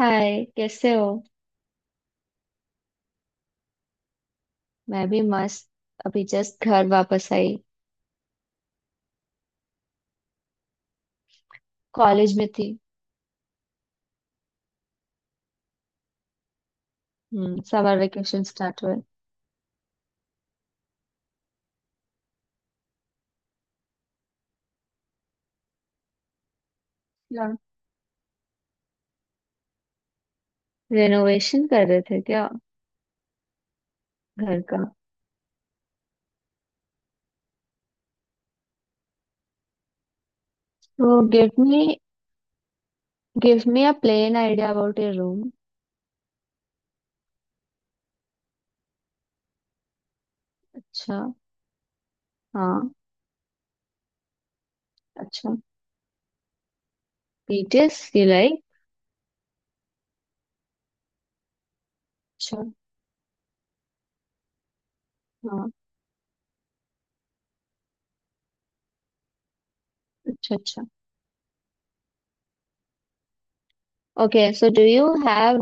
हाय, कैसे हो। मैं भी मस्त। अभी जस्ट घर वापस आई। कॉलेज में थी। हम्म, समर वेकेशन स्टार्ट हुए। क्या, रेनोवेशन कर रहे थे क्या, घर का। तो give me a plain idea about your room. अच्छा। हाँ। अच्छा। Details you like. अच्छा। हाँ। अच्छा अच्छा। Okay, so do you have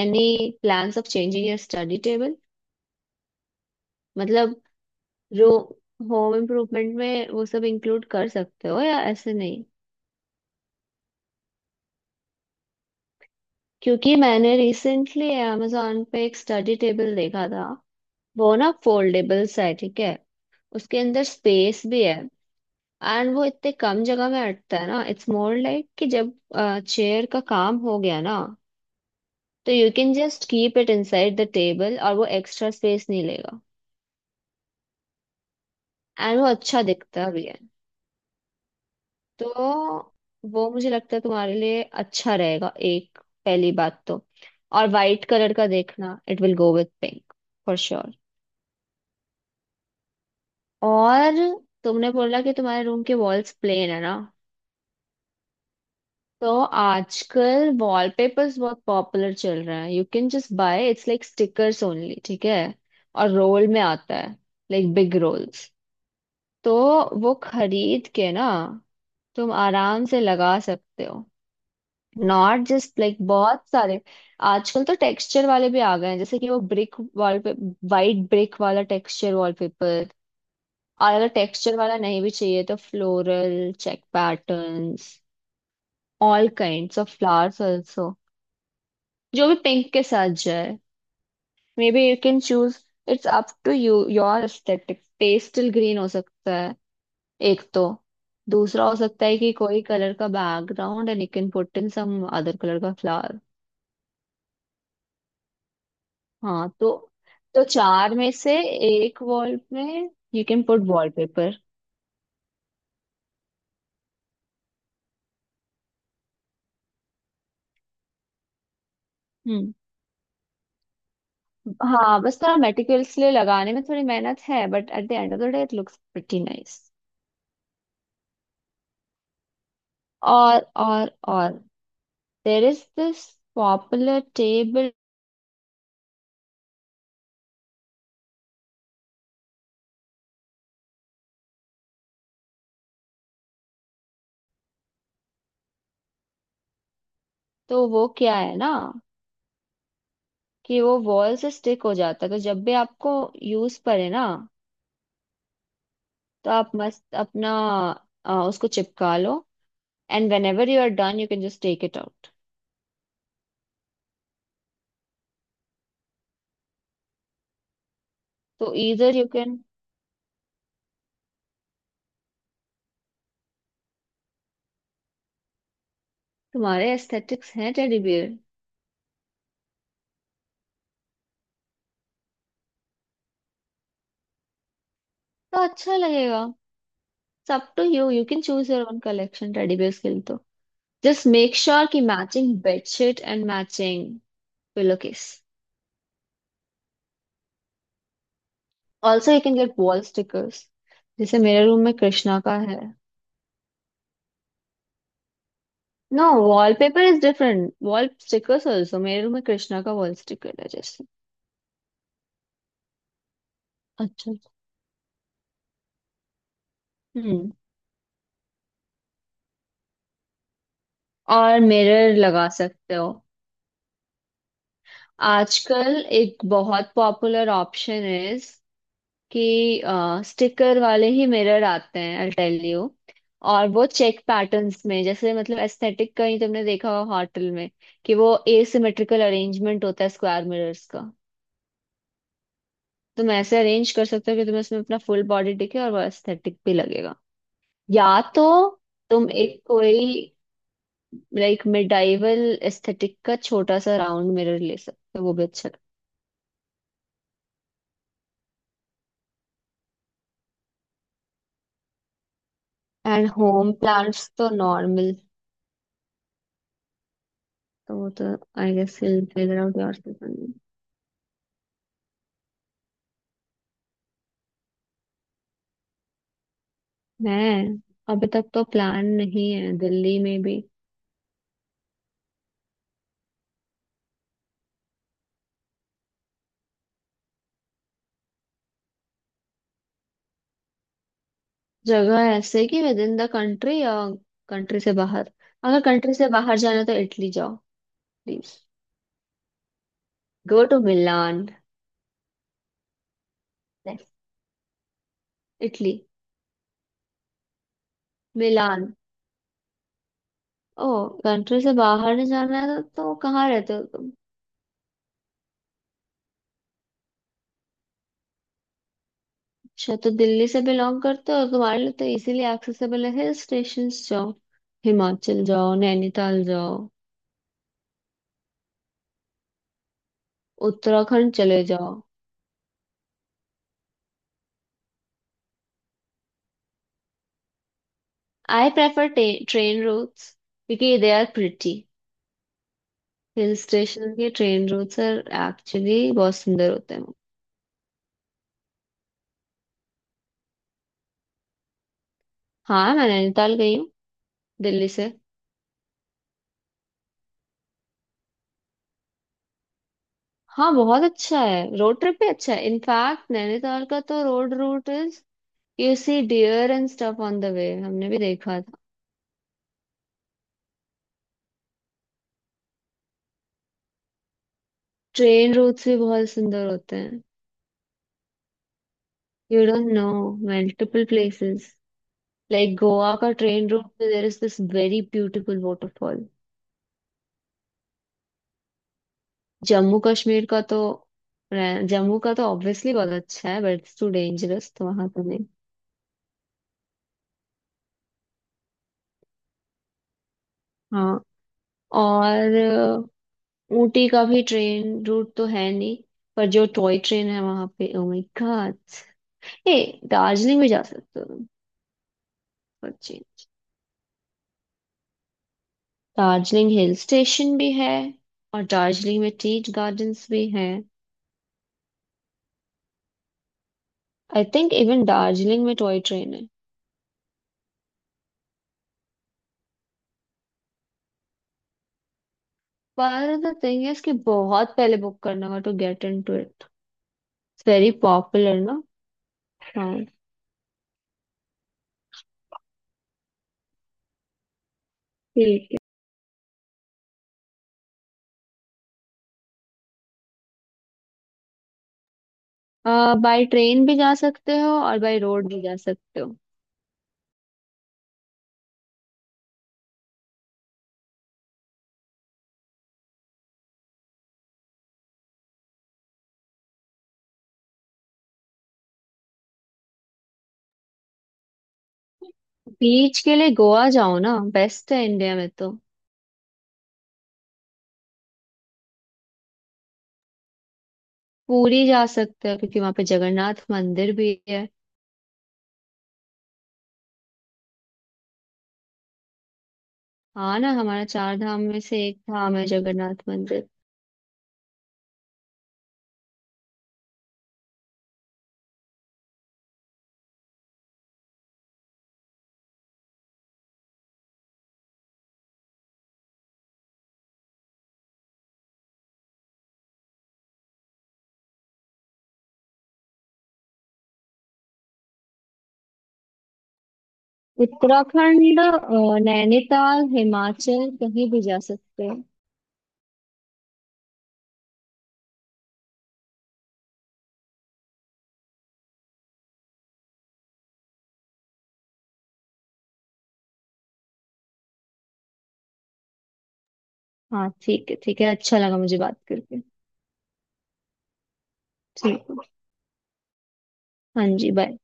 any plans of changing your study table. मतलब, रूम होम इम्प्रूवमेंट में वो सब इंक्लूड कर सकते हो या ऐसे नहीं। क्योंकि मैंने रिसेंटली amazon पे एक स्टडी टेबल देखा था। वो ना फोल्डेबल है, ठीक है। उसके अंदर स्पेस भी है। एंड वो इतने कम जगह में अटता है ना, इट्स मोर लाइक कि जब चेयर का काम हो गया ना, तो you can just keep it inside the table और वो एक्स्ट्रा स्पेस नहीं लेगा। एंड वो अच्छा दिखता भी है। तो वो मुझे लगता है तुम्हारे लिए अच्छा रहेगा एक, पहली बात तो। और वाइट कलर का देखना, it will go with pink for sure. और तुमने बोला कि तुम्हारे रूम के वॉल्स प्लेन है ना। तो आजकल वॉलपेपर्स बहुत पॉपुलर चल रहे हैं, you can just buy it's like stickers only, ठीक है। और रोल में आता है, लाइक बिग रोल्स। तो वो खरीद के ना, तुम आराम से लगा सकते हो। नॉट जस्ट लाइक बहुत सारे, आजकल तो टेक्सचर वाले भी आ गए हैं, जैसे कि वो ब्रिक वॉलपेपर, वाइट ब्रिक वाला टेक्सचर वॉलपेपर। और अगर टेक्सचर वाला नहीं भी चाहिए तो floral check patterns, all kinds of flowers also, जो भी पिंक के साथ जाए। Maybe you can choose, it's up to you your aesthetic. Pastel green हो सकता है एक तो। दूसरा हो सकता है कि कोई कलर का background and you can put in some other colour का फ्लावर। हाँ, तो चार में से एक वॉल में यू कैन पुट वॉलपेपर। हम्म। हाँ, बस थोड़ा मेटिकुलसली लगाने में थोड़ी मेहनत है, but at the end of the day it looks pretty nice. और there is this popular table. तो वो क्या है ना, कि वो वॉल से स्टिक हो जाता है, तो जब भी आपको यूज पड़े ना, तो आप मस्त अपना उसको चिपका लो। And whenever you are done you can just take it out. तो इधर यू कैन, तुम्हारे एस्थेटिक्स हैं टेडी बियर, तो अच्छा लगेगा। सब to you, you can choose your own collection teddy bears के लिए तो। Just make sure ki matching bedsheet and matching pillowcase. Also, you can get wall stickers. जैसे मेरे रूम में कृष्णा का है। No, wallpaper is different, wall stickers also मेरे room में कृष्णा का वॉल स्टिकर है जैसे। अच्छा। हम्म। और मिरर लगा सकते हो। आजकल एक बहुत पॉपुलर ऑप्शन है कि स्टिकर वाले ही मिरर आते हैं, आई टेल यू। और वो चेक पैटर्न्स में जैसे, मतलब एस्थेटिक का ही, तुमने देखा होगा होटल में कि वो एसिमेट्रिकल अरेंजमेंट होता है स्क्वायर मिरर्स का। तुम ऐसे अरेंज कर सकते हो कि तुम्हें उसमें अपना फुल बॉडी दिखे और वो एस्थेटिक भी लगेगा। या तो तुम एक कोई लाइक मिडाइवल एस्थेटिक का छोटा सा राउंड मिरर ले सकते हो, वो भी अच्छा लगता है। एंड होम प्लांट्स तो नॉर्मल, तो वो तो I guess will figure out your. है, अभी तक तो प्लान नहीं है दिल्ली में भी। जगह ऐसे कि विद इन द कंट्री या कंट्री से बाहर। अगर कंट्री से बाहर जाना है तो इटली जाओ please. Go to Milan. Italy. Milan. ओ, कंट्री से बाहर नहीं जाना है तो कहाँ रहते हो तुम। अच्छा, तो दिल्ली से बिलोंग करते हो, तुम्हारे लिए तो इजीली एक्सेसिबल है, हिल स्टेशन जाओ, हिमाचल जाओ, नैनीताल जाओ, उत्तराखंड चले जाओ। I prefer train routes because they are pretty. Hill station के ट्रेन रूट सर एक्चुअली बहुत सुंदर होते हैं। हाँ, मैं नैनीताल गई हूँ दिल्ली से। हाँ बहुत अच्छा है, रोड ट्रिप भी अच्छा है, इनफैक्ट नैनीताल का तो road route is, you see deer and stuff on the way, हमने भी देखा था। ट्रेन रूट्स भी बहुत सुंदर होते हैं, you don't know, multiple places. Like Goa का ट्रेन रूट में there is this very beautiful waterfall. Jammu Kashmir का तो, जम्मू का तो ऑब्वियसली बहुत अच्छा है, बट इट्स टू डेंजरस, तो वहां तो नहीं। हाँ, और ऊटी का भी ट्रेन रूट तो है नहीं, पर जो टॉय ट्रेन है वहां पे, ओ माय गॉड। ए, दार्जिलिंग भी जा सकते हो तुम। बच्चे, दार्जिलिंग हिल स्टेशन भी है, और दार्जिलिंग में टी गार्डन्स भी हैं। आई थिंक इवन दार्जिलिंग में टॉय ट्रेन है। पर द थिंग इज कि बहुत पहले बुक करना होगा to get into it, it's very popular ना। हाँ। ठीक है, बाय ट्रेन भी जा सकते हो और बाय रोड भी जा सकते हो। बीच के लिए गोवा जाओ ना, बेस्ट है इंडिया में तो। पूरी जा सकते हो क्योंकि वहां पे जगन्नाथ मंदिर भी है। हाँ ना, हमारा चार धाम में से एक धाम है जगन्नाथ मंदिर। उत्तराखंड, नैनीताल, हिमाचल, कहीं भी जा सकते हो। हाँ ठीक है, ठीक है, अच्छा लगा मुझे बात करके। ठीक है। हाँ जी, बाय।